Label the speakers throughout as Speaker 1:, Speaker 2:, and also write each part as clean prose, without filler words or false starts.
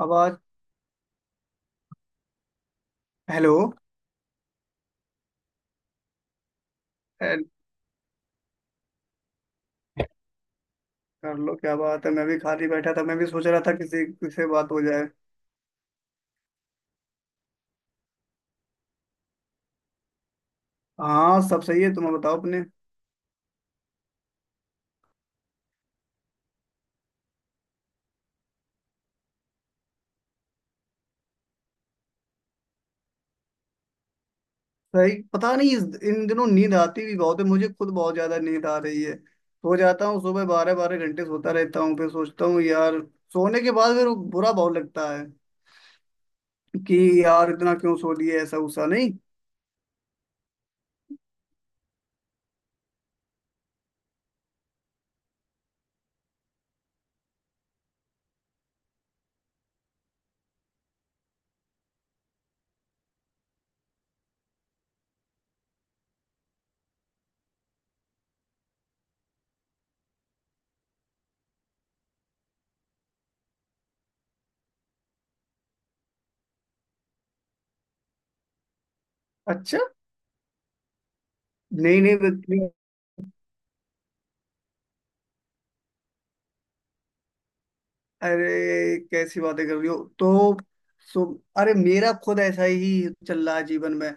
Speaker 1: आवाज। हेलो। ए, कर लो, क्या बात है। मैं भी खाली बैठा था, मैं भी सोच रहा था किसी किसी बात हो जाए। हाँ, सब सही है। तुम बताओ अपने। सही, पता नहीं इन दिनों नींद आती भी बहुत है। मुझे खुद बहुत ज्यादा नींद आ रही है, सो जाता हूँ। सुबह 12-12 घंटे सोता रहता हूँ, फिर सोचता हूँ यार सोने के बाद फिर बुरा बहुत लगता है कि यार इतना क्यों सो लिए, ऐसा गुस्सा नहीं। अच्छा। नहीं नहीं, अरे कैसी बातें कर रही हो। तो सो, अरे मेरा खुद ऐसा ही चल रहा है जीवन में।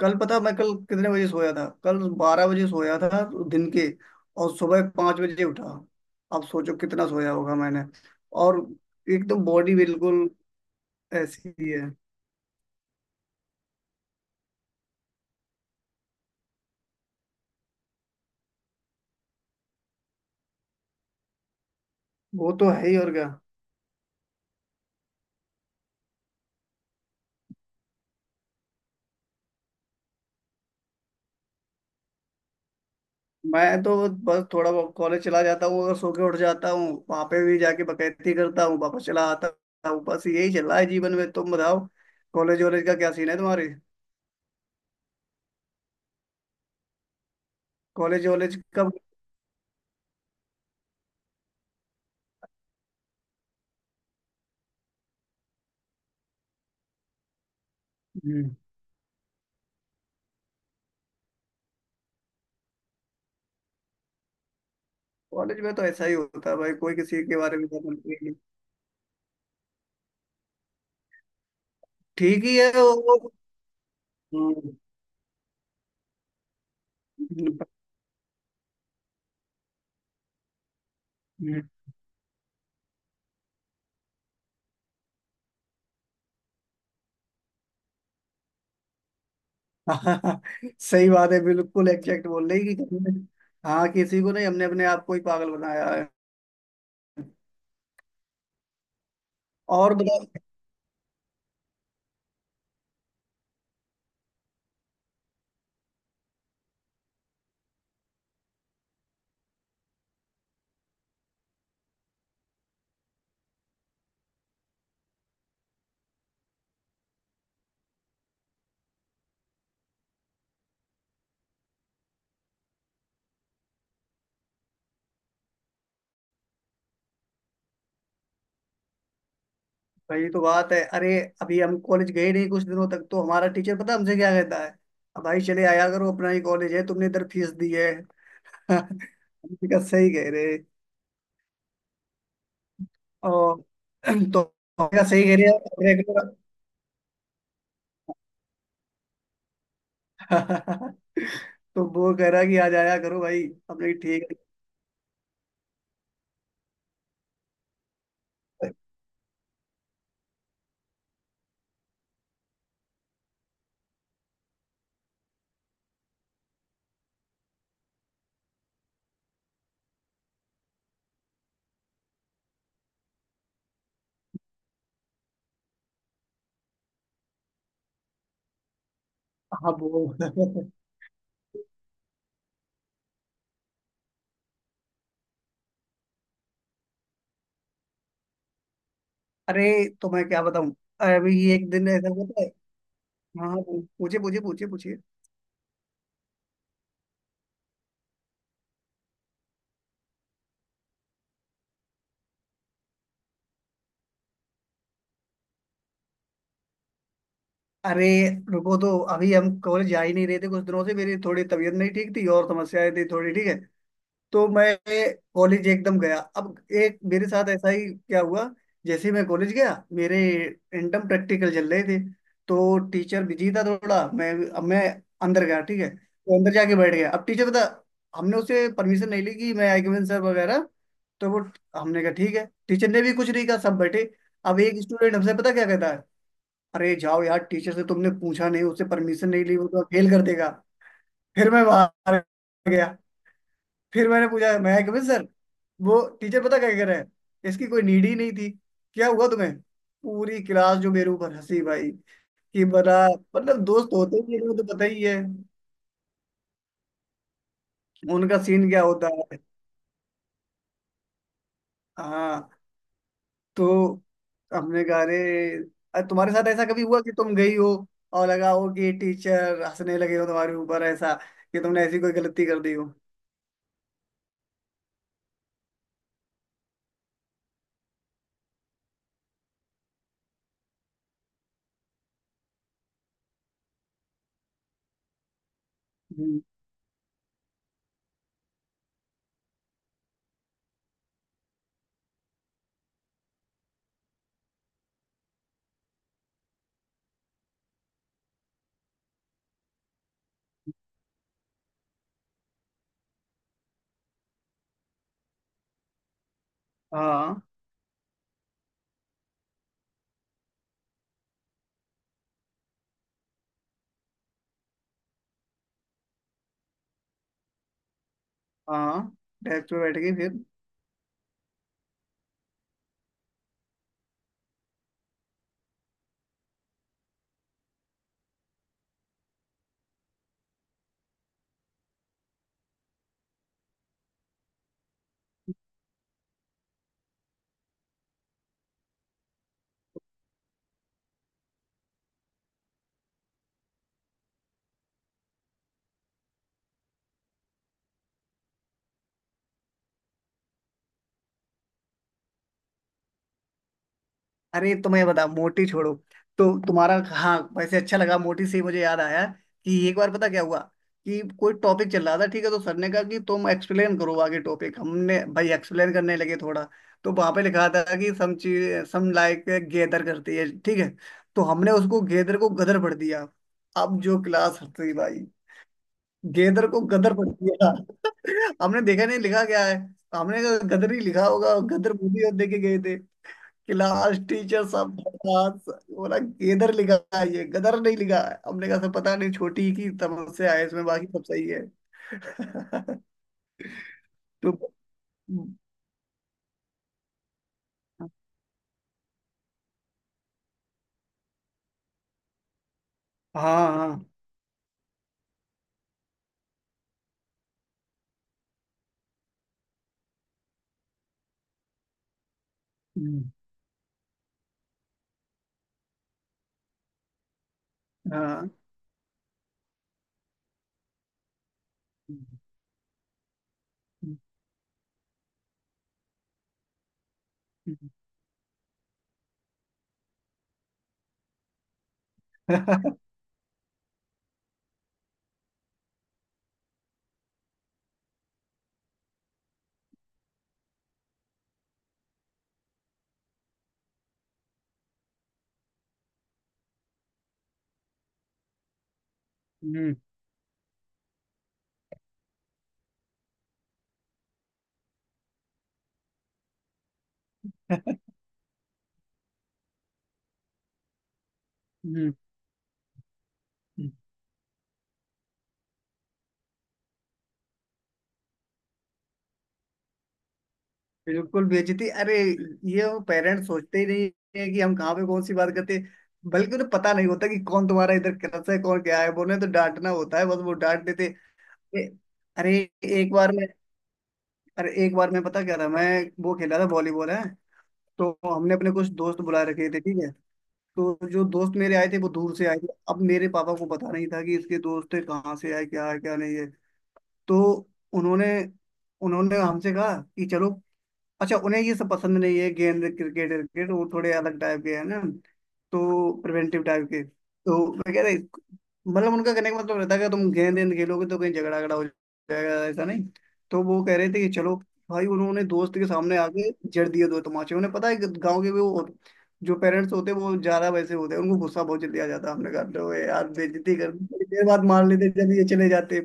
Speaker 1: कल पता मैं कल कितने बजे सोया था। कल 12 बजे सोया था दिन के, और सुबह 5 बजे उठा। अब सोचो कितना सोया होगा मैंने। और एकदम बॉडी बिल्कुल ऐसी ही है। वो तो है ही, और क्या। मैं तो बस थोड़ा बहुत कॉलेज चला जाता हूँ, अगर सो के उठ जाता हूँ वहां पे भी जाके बकैती करता हूँ, वापस चला आता हूँ। बस यही चल रहा है जीवन में, तुम बताओ। कॉलेज वॉलेज का क्या सीन है तुम्हारे। कॉलेज वॉलेज कब। हम्म। कॉलेज में तो ऐसा ही होता है भाई, कोई किसी के बारे में ज्यादा नहीं। ठीक ही है वो। हम्म, हम्म। सही बात है, बिल्कुल एग्जैक्ट बोल रही कि कहीं ने। हाँ, किसी को नहीं, हमने अपने आप को ही पागल बनाया है। और बताओ। वही तो बात है, अरे। अभी हम कॉलेज गए नहीं कुछ दिनों तक, तो हमारा टीचर पता हमसे क्या कहता है, "अब भाई चले आया करो, अपना ही कॉलेज है, तुमने इधर फीस दी है।" हमने कहा सही कह रहे। और तो हमने कहा, सही कह रहे हैं रेगुलर। तो वो कह रहा कि आज आया करो भाई। हमने कहा, ठीक है। हाँ वो। अरे तो मैं क्या बताऊं। अभी एक दिन ऐसा होता है। हाँ हाँ, पूछिए पूछिए पूछिए पूछिए। अरे रुको, तो अभी हम कॉलेज जा ही नहीं रहे थे कुछ दिनों से, मेरी थोड़ी तबीयत नहीं ठीक थी और समस्याएं थी थोड़ी, ठीक है। तो मैं कॉलेज एकदम गया अब। एक मेरे साथ ऐसा ही क्या हुआ, जैसे ही मैं कॉलेज गया मेरे इंटर्म प्रैक्टिकल चल रहे थे, तो टीचर बिजी था थोड़ा। मैं अब मैं अंदर गया, ठीक है, तो अंदर जाके बैठ गया। अब टीचर बता, हमने उसे परमिशन नहीं ली कि मैं आई सर वगैरह। तो वो हमने कहा ठीक है, टीचर ने भी कुछ नहीं कहा, सब बैठे। अब एक स्टूडेंट हमसे पता क्या कहता है, अरे जाओ यार, टीचर से तुमने पूछा नहीं, उससे परमिशन नहीं ली, वो तो फेल कर देगा। फिर मैं बाहर गया। फिर मैंने पूछा, मैं कभी सर, वो टीचर पता क्या कह रहे हैं, इसकी कोई नीड ही नहीं थी, क्या हुआ तुम्हें। पूरी क्लास जो मेरे ऊपर हंसी भाई, कि बड़ा। मतलब दोस्त होते ही हैं, वो तो पता ही है। उनका सीन क्या होता है। हाँ। तो हमने कहा, अरे, तुम्हारे साथ ऐसा कभी हुआ कि तुम गई हो और लगा हो कि टीचर हंसने लगे हो तुम्हारे ऊपर, ऐसा कि तुमने ऐसी कोई गलती कर दी हो। हम्म। हाँ हाँ, डेस्क पे बैठ गई फिर। अरे तो मैं बता, मोटी छोड़ो। तो तुम्हारा हाँ वैसे अच्छा लगा, मोटी से ही मुझे याद आया कि एक बार पता क्या हुआ कि कोई टॉपिक चल रहा था, ठीक है। तो सर ने कहा कि तुम एक्सप्लेन करो आगे टॉपिक, हमने भाई एक्सप्लेन करने लगे थोड़ा। तो वहां पे लिखा था कि सम चीज सम लाइक गेदर करती है, ठीक है। तो हमने उसको गेदर को गदर पढ़ दिया। अब जो क्लास हंसी भाई, गेदर को गदर पढ़ दिया। हमने देखा नहीं लिखा क्या है। हमने कहा, गदर ही लिखा होगा, गदर बोली और देखे गए थे। क्लास टीचर सब बकवास बोला, गेदर लिखा है, ये गदर नहीं लिखा है। हमने कहा सर पता नहीं छोटी की समस्या है, इसमें बाकी सब सही है। तो हाँ। हाँ हम्म, हाँ हम्म, हम्म, हम्म, हम्म। बिल्कुल बेइज्जती, अरे। ये वो पेरेंट्स सोचते ही नहीं है कि हम कहाँ पे कौन सी बात करते हैं। बल्कि उन्हें पता नहीं होता कि कौन तुम्हारा इधर क्रस है, कौन क्या है, बोले तो डांटना होता है बस, वो डांट देते। ए- अरे एक बार। अरे एक बार मैं पता क्या था, मैं वो खेला था वॉलीबॉल है। तो हमने अपने कुछ दोस्त बुला रखे थे, ठीक है। तो जो दोस्त मेरे आए थे वो दूर से आए थे, अब मेरे पापा को पता नहीं था कि इसके दोस्त कहाँ से आए, क्या है क्या नहीं है। तो उन्होंने उन्होंने हमसे कहा कि चलो। अच्छा उन्हें ये सब पसंद नहीं है, गेंद क्रिकेट क्रिकेट वो थोड़े अलग टाइप के हैं ना, तो प्रिवेंटिव टाइप के। तो मैं कह रहा, मतलब उनका कहने का मतलब रहता है कि तुम गेंद वेंद खेलोगे तो कहीं झगड़ा झगड़ा हो जाएगा, ऐसा नहीं। तो वो कह रहे थे कि चलो। भाई उन्होंने दोस्त के सामने आके जड़ दिए दो तमाचे, उन्हें पता है कि गाँव के वो जो पेरेंट्स होते हैं वो ज्यादा वैसे होते हैं, उनको गुस्सा बहुत जल्दी आ जाता है। हमने कहा, "लो यार बेइज्जती कर दी, थोड़ी देर बाद मार लेते जब ये चले जाते।"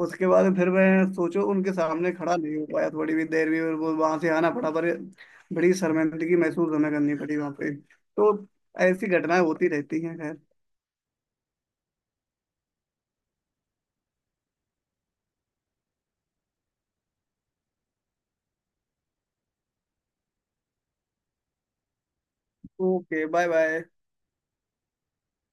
Speaker 1: उसके बाद फिर मैं सोचो उनके सामने खड़ा नहीं हो पाया थोड़ी भी देर भी, और वो वहां से आना पड़ा पर। बड़ी शर्मिंदगी महसूस हमें करनी पड़ी वहां पे तो। ऐसी घटनाएं होती रहती हैं, खैर। Okay bye bye.